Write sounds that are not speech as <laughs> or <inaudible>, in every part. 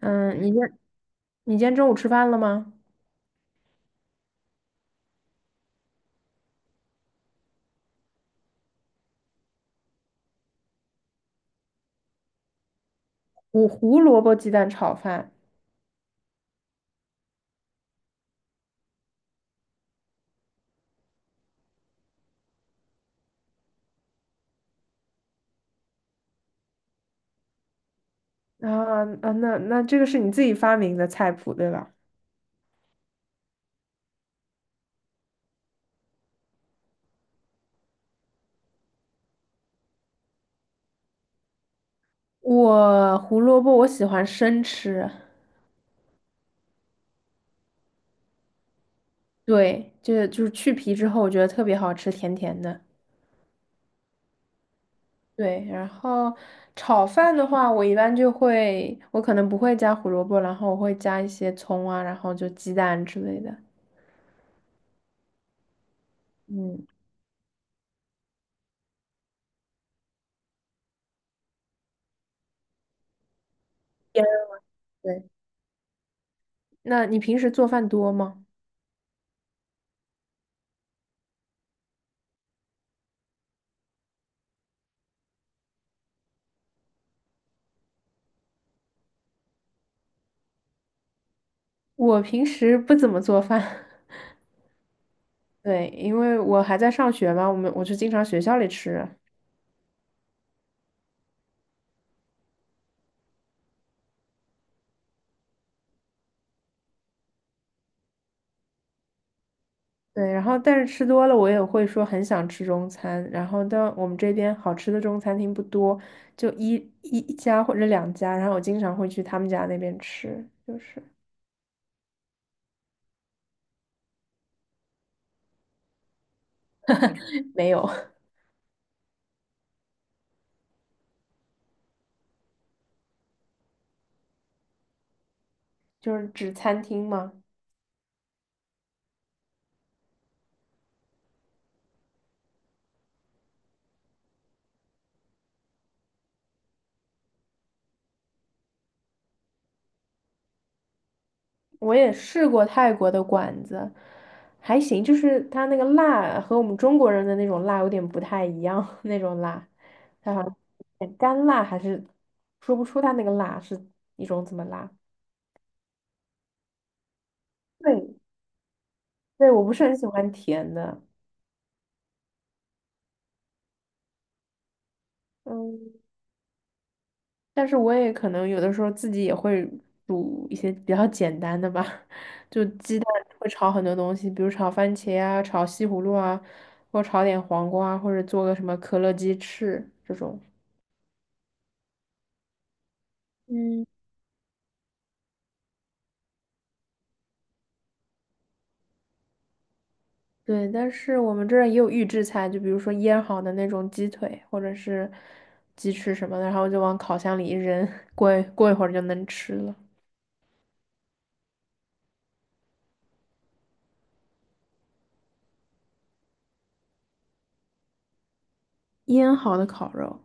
嗯，你今你今天中午吃饭了吗？我胡萝卜鸡蛋炒饭啊啊，那这个是你自己发明的菜谱对吧？我胡萝卜我喜欢生吃，对，就是去皮之后我觉得特别好吃，甜甜的。对，然后炒饭的话，我一般就会，我可能不会加胡萝卜，然后我会加一些葱啊，然后就鸡蛋之类的。嗯，对，那你平时做饭多吗？我平时不怎么做饭。<laughs> 对，因为我还在上学嘛，我就经常学校里吃。对，然后但是吃多了，我也会说很想吃中餐。然后但我们这边好吃的中餐厅不多，就一家或者两家。然后我经常会去他们家那边吃，就是 <laughs> 没有，<laughs> 就是指餐厅嘛。我也试过泰国的馆子，还行，就是它那个辣和我们中国人的那种辣有点不太一样，<laughs> 那种辣，它好像有点干辣，还是说不出它那个辣是一种怎么辣。对，对，我不是很喜欢甜的。嗯，但是我也可能有的时候自己也会煮一些比较简单的吧。<laughs> 就鸡蛋会炒很多东西，比如炒番茄啊，炒西葫芦啊，或炒点黄瓜，或者做个什么可乐鸡翅这种。嗯，对，但是我们这儿也有预制菜，就比如说腌好的那种鸡腿或者是鸡翅什么的，然后就往烤箱里一扔，<laughs> 过一会儿就能吃了。腌好的烤肉，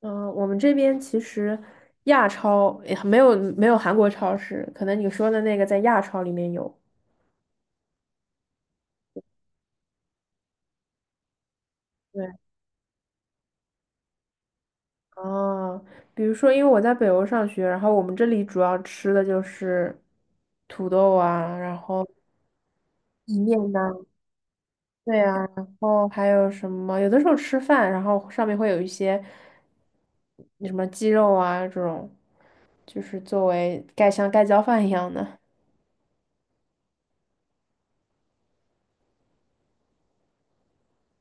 嗯、我们这边其实亚超也没有韩国超市，可能你说的那个在亚超里面有。对，哦，比如说，因为我在北欧上学，然后我们这里主要吃的就是土豆啊，然后意面呐。对呀，然后还有什么？有的时候吃饭，然后上面会有一些什么鸡肉啊，这种就是作为盖像盖浇饭一样的。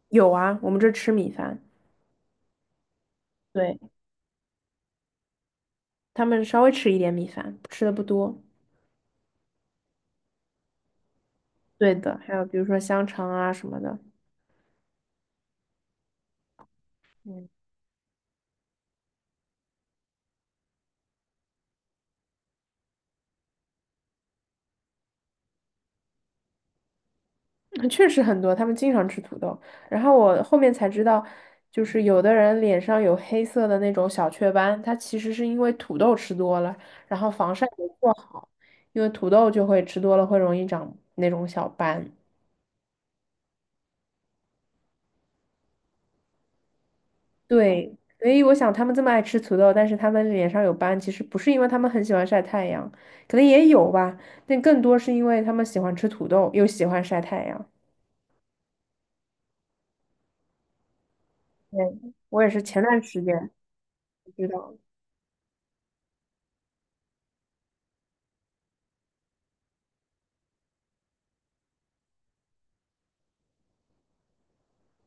有啊，我们这吃米饭，对，他们稍微吃一点米饭，吃的不多。对的，还有比如说香肠啊什么的。确实很多，他们经常吃土豆。然后我后面才知道，就是有的人脸上有黑色的那种小雀斑，它其实是因为土豆吃多了，然后防晒没做好，因为土豆就会吃多了会容易长那种小斑。对，所以我想他们这么爱吃土豆，但是他们脸上有斑，其实不是因为他们很喜欢晒太阳，可能也有吧，但更多是因为他们喜欢吃土豆，又喜欢晒太阳。对，我也是前段时间知道。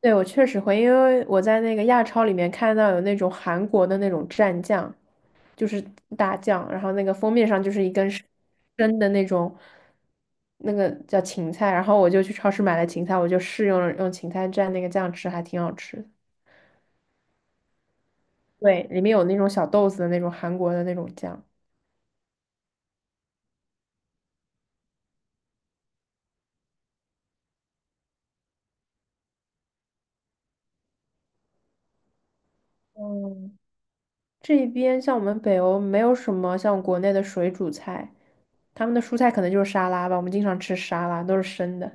对，我确实会，因为我在那个亚超里面看到有那种韩国的那种蘸酱，就是大酱，然后那个封面上就是一根生的那种，那个叫芹菜，然后我就去超市买了芹菜，我就试用了用芹菜蘸那个酱吃，还挺好吃的。对，里面有那种小豆子的那种韩国的那种酱。嗯，这边像我们北欧没有什么像国内的水煮菜，他们的蔬菜可能就是沙拉吧，我们经常吃沙拉，都是生的。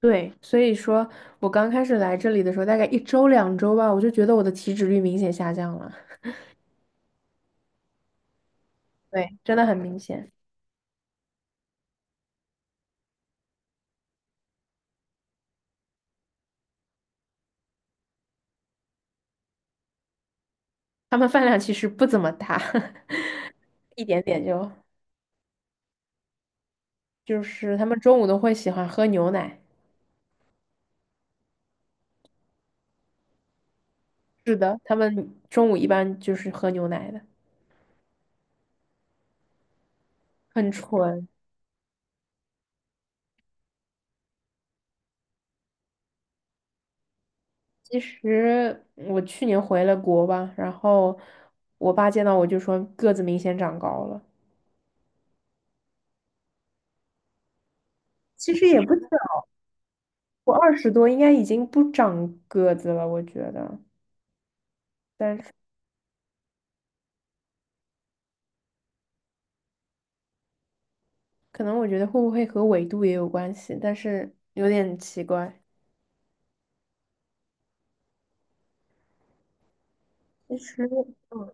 对，所以说我刚开始来这里的时候，大概一周两周吧，我就觉得我的体脂率明显下降了。对，真的很明显。他们饭量其实不怎么大。<laughs> 一点点就是他们中午都会喜欢喝牛奶。是的，他们中午一般就是喝牛奶的，很纯。其实我去年回了国吧，然后我爸见到我就说个子明显长高了。其实也不是，我20多应该已经不长个子了，我觉得。但是。可能我觉得会不会和纬度也有关系，但是有点奇怪。其实，嗯，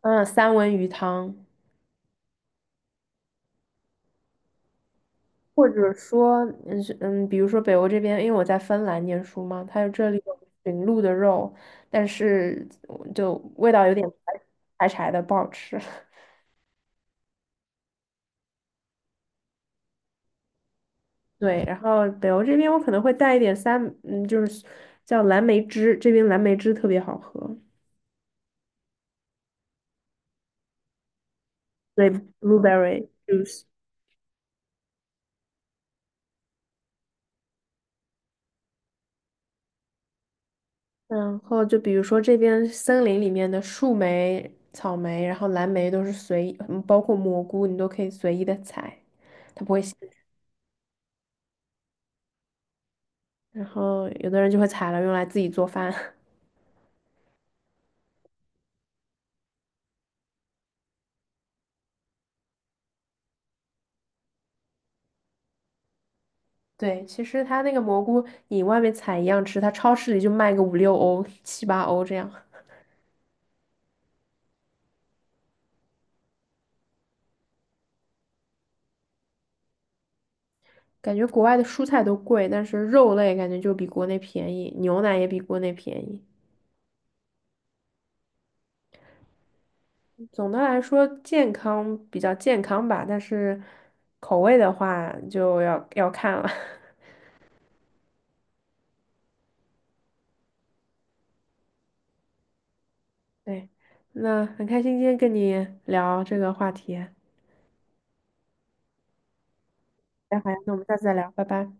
嗯，三文鱼汤。或者说，比如说北欧这边，因为我在芬兰念书嘛，这里有驯鹿的肉，但是就味道有点柴柴的，不好吃。<laughs> 对，然后北欧这边我可能会带一点就是叫蓝莓汁，这边蓝莓汁特别好喝，对，blueberry juice。然后就比如说这边森林里面的树莓、草莓，然后蓝莓都是随意包括蘑菇，你都可以随意的采，它不会限。然后有的人就会采了用来自己做饭。<laughs> 对，其实它那个蘑菇你外面采一样吃，它超市里就卖个五六欧、七八欧这样。感觉国外的蔬菜都贵，但是肉类感觉就比国内便宜，牛奶也比国内便宜。总的来说，健康比较健康吧，但是口味的话就要看了。<laughs> 对，那很开心今天跟你聊这个话题。那好呀，那我们下次再聊，拜拜。